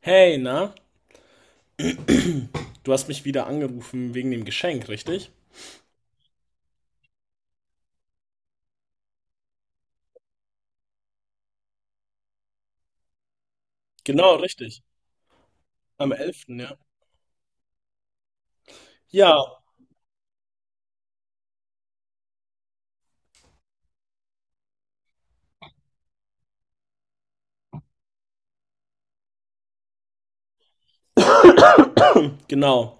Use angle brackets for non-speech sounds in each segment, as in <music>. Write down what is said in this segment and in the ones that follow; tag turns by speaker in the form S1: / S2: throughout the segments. S1: Hey, na? Du hast mich wieder angerufen wegen dem Geschenk, richtig? Genau, richtig. Am elften, ja. Ja, genau.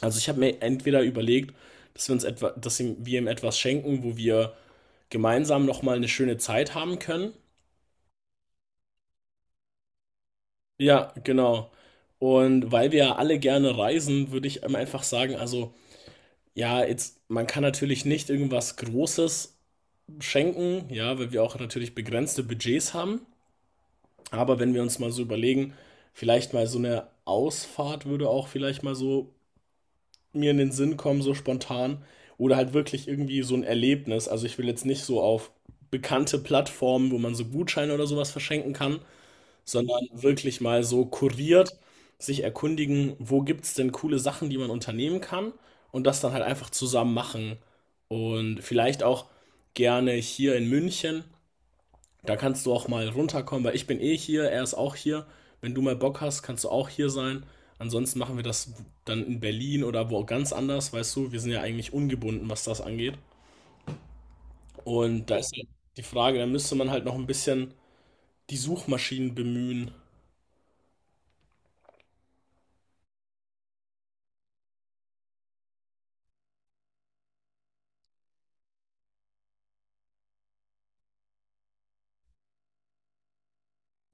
S1: Also ich habe mir entweder überlegt, dass wir ihm etwas schenken, wo wir gemeinsam nochmal eine schöne Zeit haben können. Ja, genau. Und weil wir ja alle gerne reisen, würde ich ihm einfach sagen, also ja, jetzt, man kann natürlich nicht irgendwas Großes schenken, ja, weil wir auch natürlich begrenzte Budgets haben. Aber wenn wir uns mal so überlegen, vielleicht mal so eine Ausfahrt würde auch vielleicht mal so mir in den Sinn kommen, so spontan. Oder halt wirklich irgendwie so ein Erlebnis. Also ich will jetzt nicht so auf bekannte Plattformen, wo man so Gutscheine oder sowas verschenken kann, sondern wirklich mal so kuriert sich erkundigen, wo gibt es denn coole Sachen, die man unternehmen kann, und das dann halt einfach zusammen machen. Und vielleicht auch gerne hier in München. Da kannst du auch mal runterkommen, weil ich bin eh hier, er ist auch hier. Wenn du mal Bock hast, kannst du auch hier sein. Ansonsten machen wir das dann in Berlin oder wo ganz anders, weißt du. Wir sind ja eigentlich ungebunden, was das angeht. Und da ist halt die Frage, da müsste man halt noch ein bisschen die Suchmaschinen bemühen.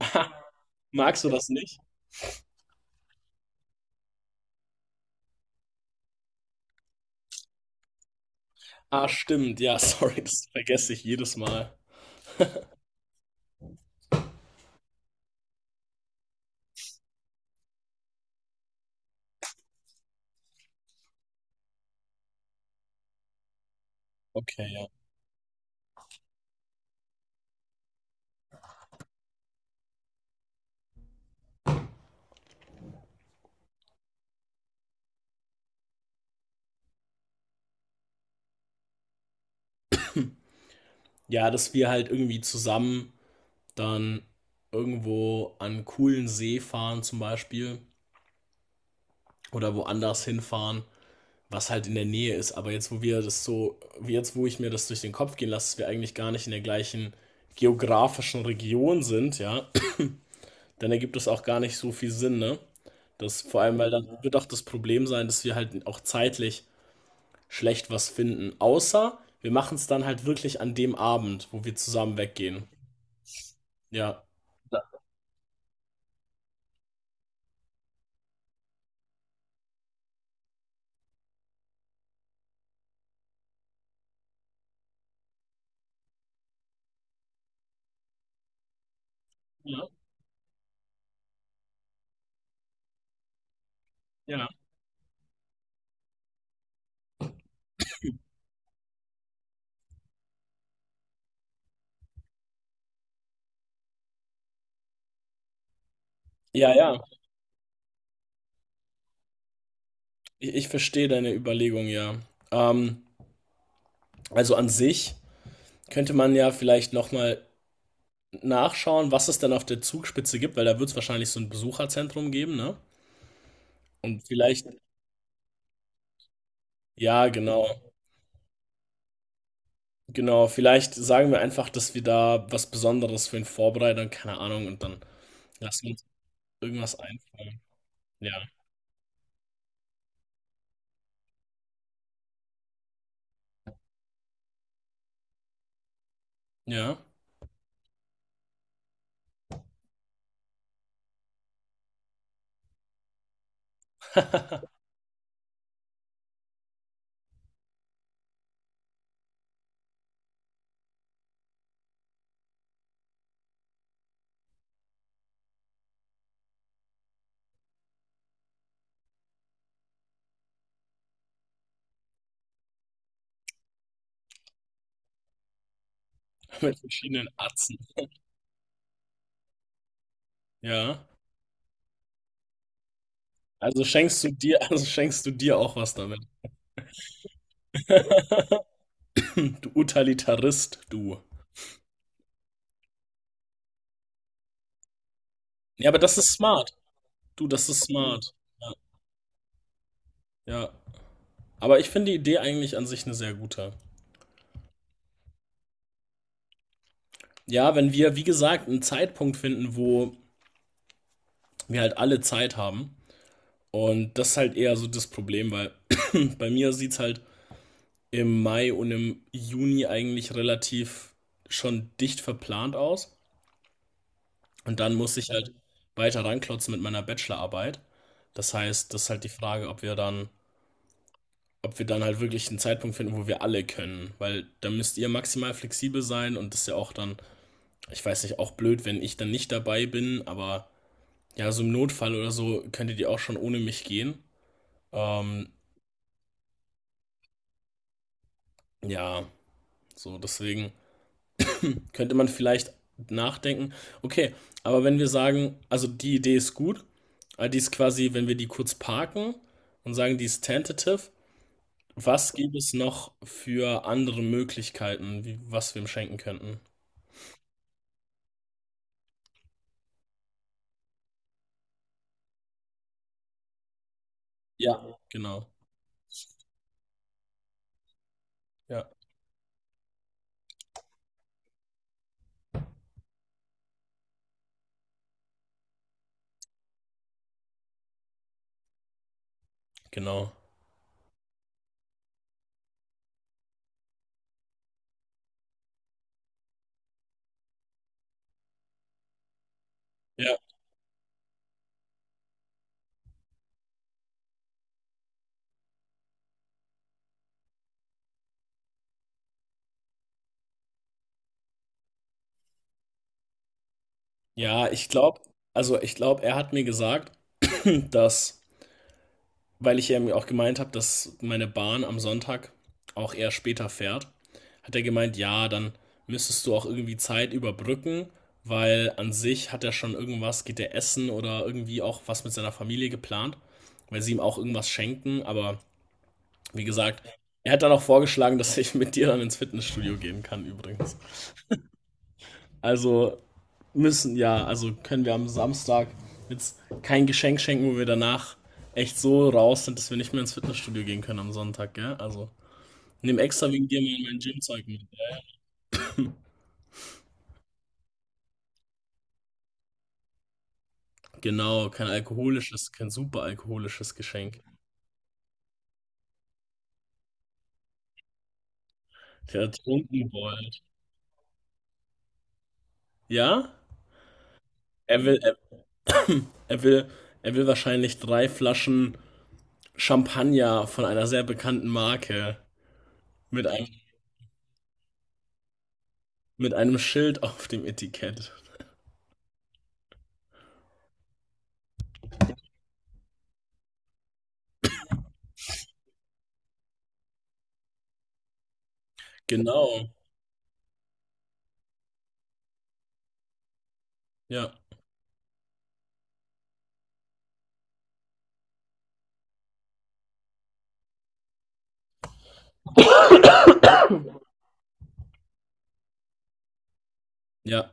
S1: <laughs> Magst du das nicht? Ah, stimmt, ja, <laughs> sorry, das vergesse ich jedes Mal. Okay, ja. Ja, dass wir halt irgendwie zusammen dann irgendwo an einen coolen See fahren zum Beispiel oder woanders hinfahren, was halt in der Nähe ist. Aber jetzt, wo ich mir das durch den Kopf gehen lasse, dass wir eigentlich gar nicht in der gleichen geografischen Region sind, ja, dann ergibt es auch gar nicht so viel Sinn, ne? Das, vor allem, weil dann wird auch das Problem sein, dass wir halt auch zeitlich schlecht was finden. Außer wir machen es dann halt wirklich an dem Abend, wo wir zusammen weggehen. Ja. Da- Ja, ja. Ja, ja. Ich verstehe deine Überlegung, ja. Ähm, also an sich könnte man ja vielleicht nochmal nachschauen, was es denn auf der Zugspitze gibt, weil da wird es wahrscheinlich so ein Besucherzentrum geben, ne? Und vielleicht, ja, genau, genau, vielleicht sagen wir einfach, dass wir da was Besonderes für ihn vorbereiten, keine Ahnung, und dann lassen wir uns irgendwas einfallen. Ja, ja. <laughs> Mit verschiedenen Atzen. Ja. Also schenkst du dir, <laughs> also schenkst du dir auch was damit. <laughs> Du Utilitarist, du. Ja, aber das ist smart. Du, das ist smart. Ja. Ja. Aber ich finde die Idee eigentlich an sich eine sehr gute. Ja, wenn wir, wie gesagt, einen Zeitpunkt finden, wo wir halt alle Zeit haben. Und das ist halt eher so das Problem, weil <clears throat> bei mir sieht es halt im Mai und im Juni eigentlich relativ schon dicht verplant aus. Und dann muss ich halt weiter ranklotzen mit meiner Bachelorarbeit. Das heißt, das ist halt die Frage, ob wir dann halt wirklich einen Zeitpunkt finden, wo wir alle können. Weil da müsst ihr maximal flexibel sein und das ist ja auch dann, ich weiß nicht, auch blöd, wenn ich dann nicht dabei bin, aber ja, so im Notfall oder so könntet ihr auch schon ohne mich gehen. Ähm, ja, so deswegen könnte man vielleicht nachdenken. Okay, aber wenn wir sagen, also die Idee ist gut, aber die ist quasi, wenn wir die kurz parken und sagen, die ist tentative, was gibt es noch für andere Möglichkeiten, wie, was wir ihm schenken könnten? Ja, genau. Ja, genau. Ja, ja, ich glaube, er hat mir gesagt, dass, weil ich ja auch gemeint habe, dass meine Bahn am Sonntag auch eher später fährt, hat er gemeint, ja, dann müsstest du auch irgendwie Zeit überbrücken, weil an sich hat er schon irgendwas, geht er essen oder irgendwie auch was mit seiner Familie geplant, weil sie ihm auch irgendwas schenken. Aber wie gesagt, er hat dann auch vorgeschlagen, dass ich mit dir dann ins Fitnessstudio gehen kann, übrigens. Also Müssen, ja. Also können wir am Samstag jetzt kein Geschenk schenken, wo wir danach echt so raus sind, dass wir nicht mehr ins Fitnessstudio gehen können am Sonntag, gell? Also, nimm extra wegen dir mal mein Gymzeug mit. Genau, kein alkoholisches, kein super alkoholisches Geschenk. Der hat trinken wollt. Ja? Er will, er, er will, er will wahrscheinlich drei Flaschen Champagner von einer sehr bekannten Marke mit einem, mit einem Schild auf dem Etikett. Genau. Ja. Ja.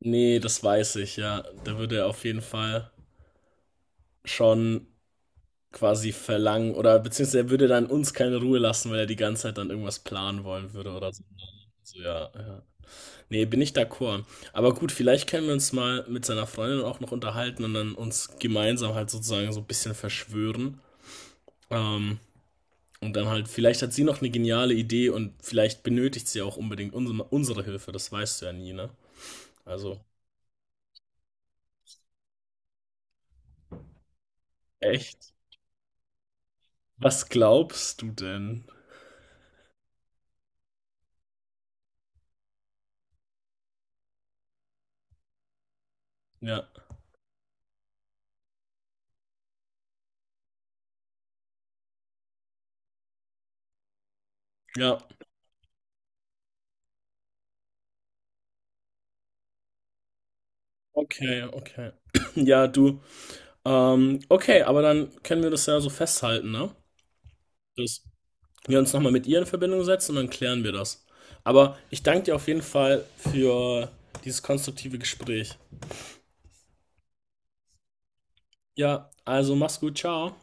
S1: Nee, das weiß ich, ja. Da würde er auf jeden Fall schon quasi verlangen oder beziehungsweise er würde dann uns keine Ruhe lassen, weil er die ganze Zeit dann irgendwas planen wollen würde oder so. Also, ja, ja. Nee, bin ich d'accord. Aber gut, vielleicht können wir uns mal mit seiner Freundin auch noch unterhalten und dann uns gemeinsam halt sozusagen so ein bisschen verschwören. Ähm, und dann halt, vielleicht hat sie noch eine geniale Idee und vielleicht benötigt sie auch unbedingt unsere Hilfe, das weißt du ja nie, ne? Also, echt? Was glaubst du denn? Ja. Ja, okay, okay. <clears throat> Ja, du. Okay, aber dann können wir das ja so festhalten, ne? Dass wir uns nochmal mit ihr in Verbindung setzen und dann klären wir das. Aber ich danke dir auf jeden Fall für dieses konstruktive Gespräch. Ja, also mach's gut, ciao.